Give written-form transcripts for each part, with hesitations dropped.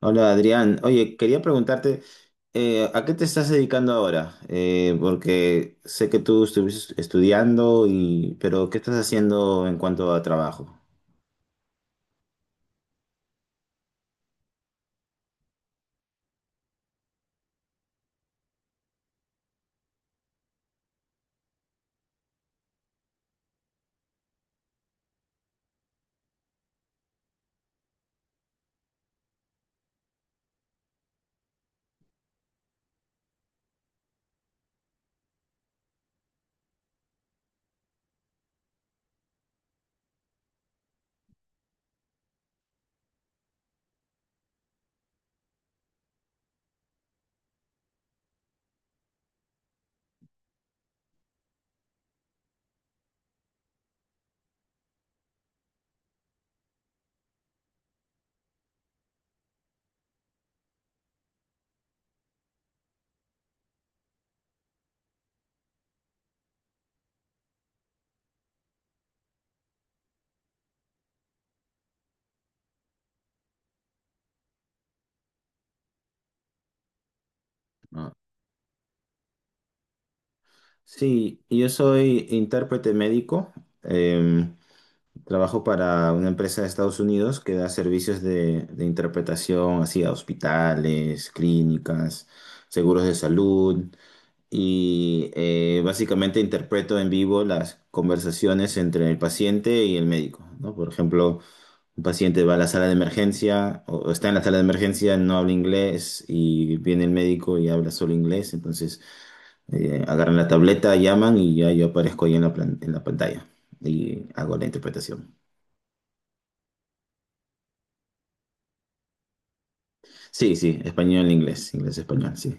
Hola Adrián, oye, quería preguntarte, ¿a qué te estás dedicando ahora? Porque sé que tú estuviste estudiando y, pero ¿qué estás haciendo en cuanto a trabajo? ¿No? Sí, yo soy intérprete médico, eh, trabajo para una empresa de Estados Unidos que da servicios de interpretación así a hospitales, clínicas, seguros de salud. Y básicamente interpreto en vivo las conversaciones entre el paciente y el médico, ¿no? Por ejemplo, un paciente va a la sala de emergencia o está en la sala de emergencia, no habla inglés y viene el médico y habla solo inglés, entonces agarran la tableta, llaman y ya yo aparezco ahí en la, en la pantalla y hago la interpretación. Sí, sí, español, inglés, inglés, español, sí.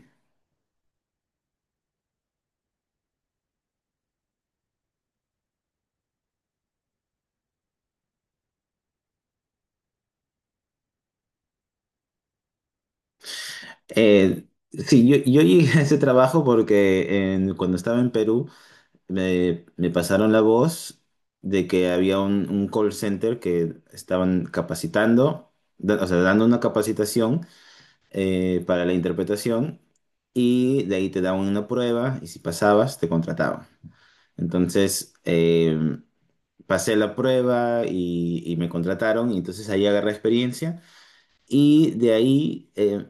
Eh, Sí, yo llegué a ese trabajo porque cuando estaba en Perú, me pasaron la voz de que había un call center que estaban capacitando, o sea, dando una capacitación para la interpretación y de ahí te daban una prueba y si pasabas te contrataban. Entonces, pasé la prueba y me contrataron y entonces ahí agarré experiencia. Y de ahí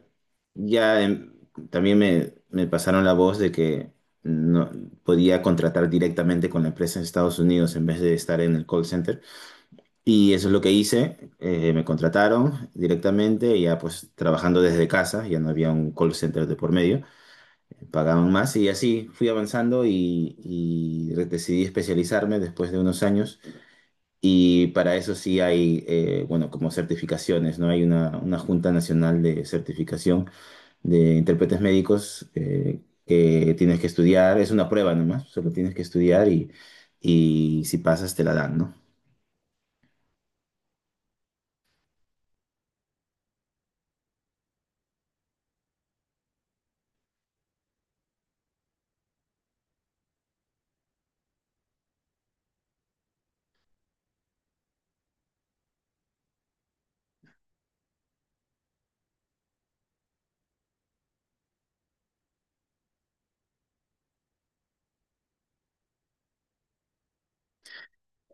ya también me pasaron la voz de que no, podía contratar directamente con la empresa en Estados Unidos en vez de estar en el call center. Y eso es lo que hice. Me contrataron directamente, ya pues trabajando desde casa, ya no había un call center de por medio. Pagaban más y así fui avanzando y decidí especializarme después de unos años y para eso sí hay, bueno, como certificaciones, ¿no? Hay una Junta Nacional de Certificación de Intérpretes Médicos que tienes que estudiar, es una prueba nomás, solo tienes que estudiar y si pasas te la dan, ¿no?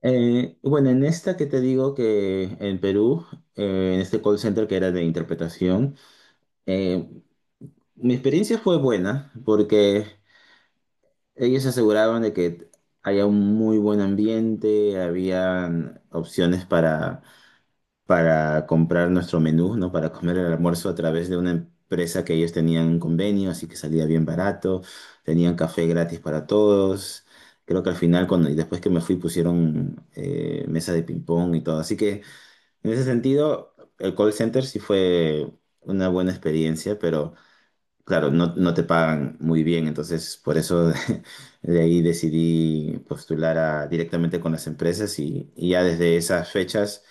Bueno, en esta que te digo que en Perú, en este call center que era de interpretación, eh, mi experiencia fue buena porque ellos se aseguraban de que había un muy buen ambiente, habían opciones para comprar nuestro menú, ¿no? Para comer el almuerzo a través de una empresa que ellos tenían un convenio, así que salía bien barato, tenían café gratis para todos. Creo que al final, cuando, y después que me fui, pusieron mesa de ping-pong y todo. Así que en ese sentido, el call center sí fue una buena experiencia, pero claro, no, no te pagan muy bien, entonces por eso de, ahí decidí directamente con las empresas y ya desde esas fechas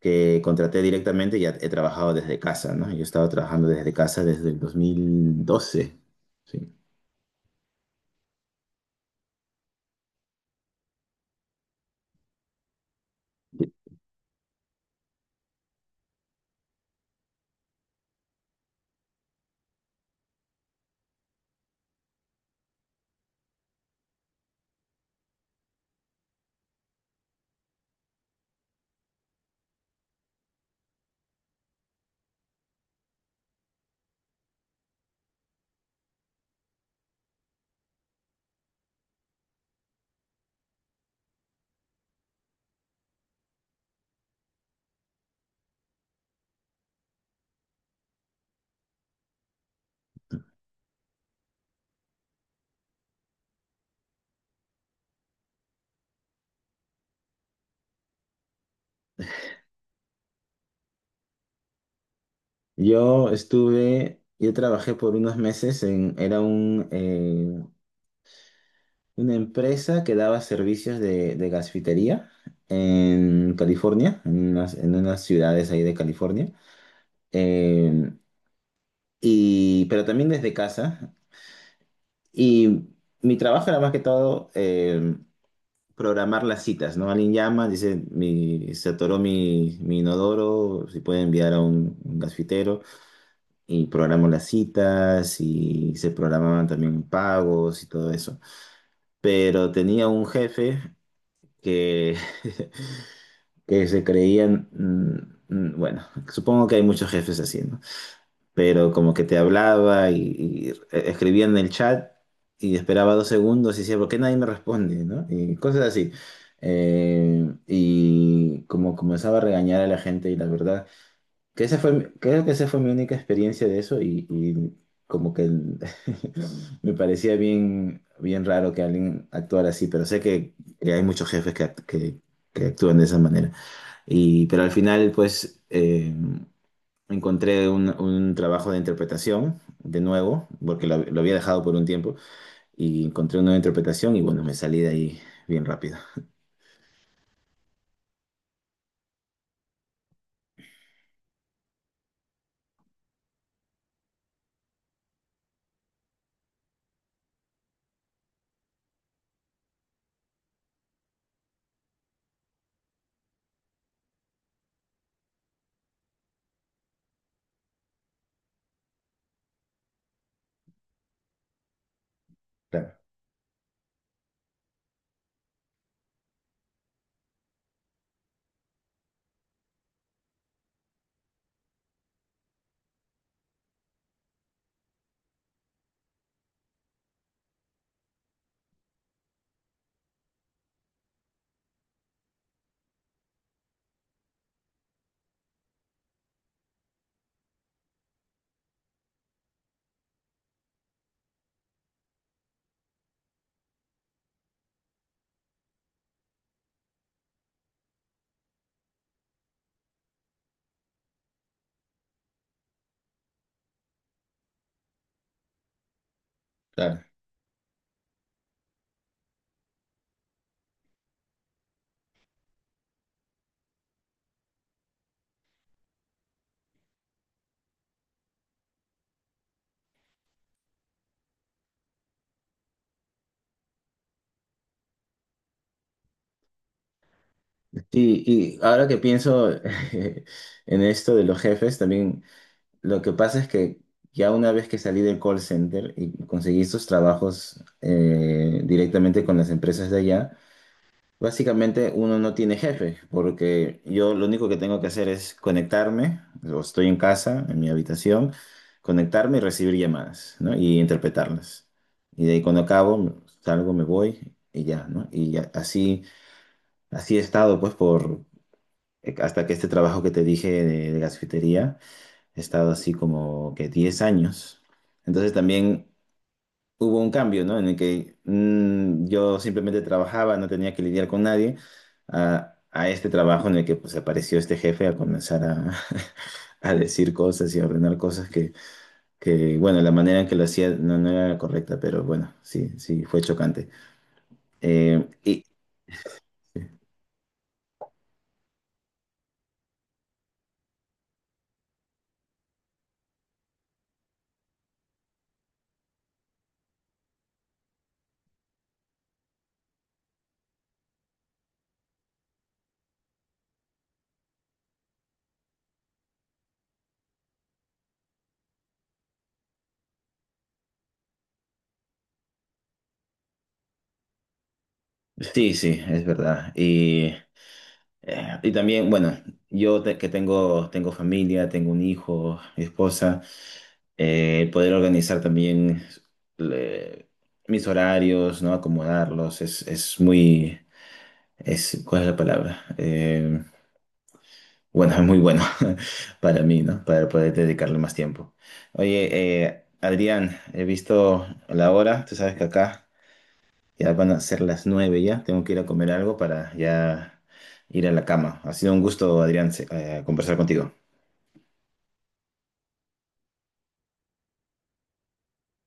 que contraté directamente ya he trabajado desde casa, ¿no? Yo he estado trabajando desde casa desde el 2012. Sí. Yo estuve, yo trabajé por unos meses en, era una empresa que daba servicios de gasfitería en California, en unas ciudades ahí de California. Eh, y, pero también desde casa. Y mi trabajo era más que todo programar las citas, ¿no? Alguien llama, dice, mi, se atoró mi, mi inodoro, si puede enviar a un gasfitero. Y programo las citas y se programaban también pagos y todo eso. Pero tenía un jefe que, que se creían, bueno, supongo que hay muchos jefes así, ¿no? Pero como que te hablaba y, escribía en el chat y esperaba 2 segundos y decía, ¿por qué nadie me responde? ¿No? Y cosas así. Y como comenzaba a regañar a la gente y la verdad, que esa fue, creo que esa fue mi única experiencia de eso y como que me parecía bien, bien raro que alguien actuara así, pero sé que hay muchos jefes que, que actúan de esa manera. Y, pero al final, pues... Encontré un trabajo de interpretación, de nuevo, porque lo había dejado por un tiempo, y encontré una nueva interpretación y bueno, me salí de ahí bien rápido. Claro, claro. Y ahora que pienso en esto de los jefes, también lo que pasa es que ya una vez que salí del call center y conseguí estos trabajos directamente con las empresas de allá, básicamente uno no tiene jefe, porque yo lo único que tengo que hacer es conectarme, o estoy en casa, en mi habitación, conectarme y recibir llamadas, ¿no? Y interpretarlas. Y de ahí cuando acabo, salgo, me voy y ya, ¿no? Y así, así he estado, pues, por, hasta que este trabajo que te dije de gasfitería, he estado así como que 10 años. Entonces también hubo un cambio, ¿no? En el que yo simplemente trabajaba, no tenía que lidiar con nadie, a este trabajo en el que pues apareció este jefe a comenzar a, a decir cosas y a ordenar cosas que, bueno, la manera en que lo hacía no, no era la correcta, pero bueno, sí, sí, fue chocante. Y sí, sí, es verdad. Y también, bueno, que tengo, tengo familia, tengo un hijo, mi esposa. El poder organizar también le- mis horarios, ¿no? Acomodarlos, es muy, es, ¿cuál es la palabra? Bueno, es muy bueno para mí, ¿no? Para poder dedicarle más tiempo. Oye, Adrián, he visto la hora, tú sabes que acá ya van a ser las 9 ya, tengo que ir a comer algo para ya ir a la cama. Ha sido un gusto, Adrián, conversar contigo.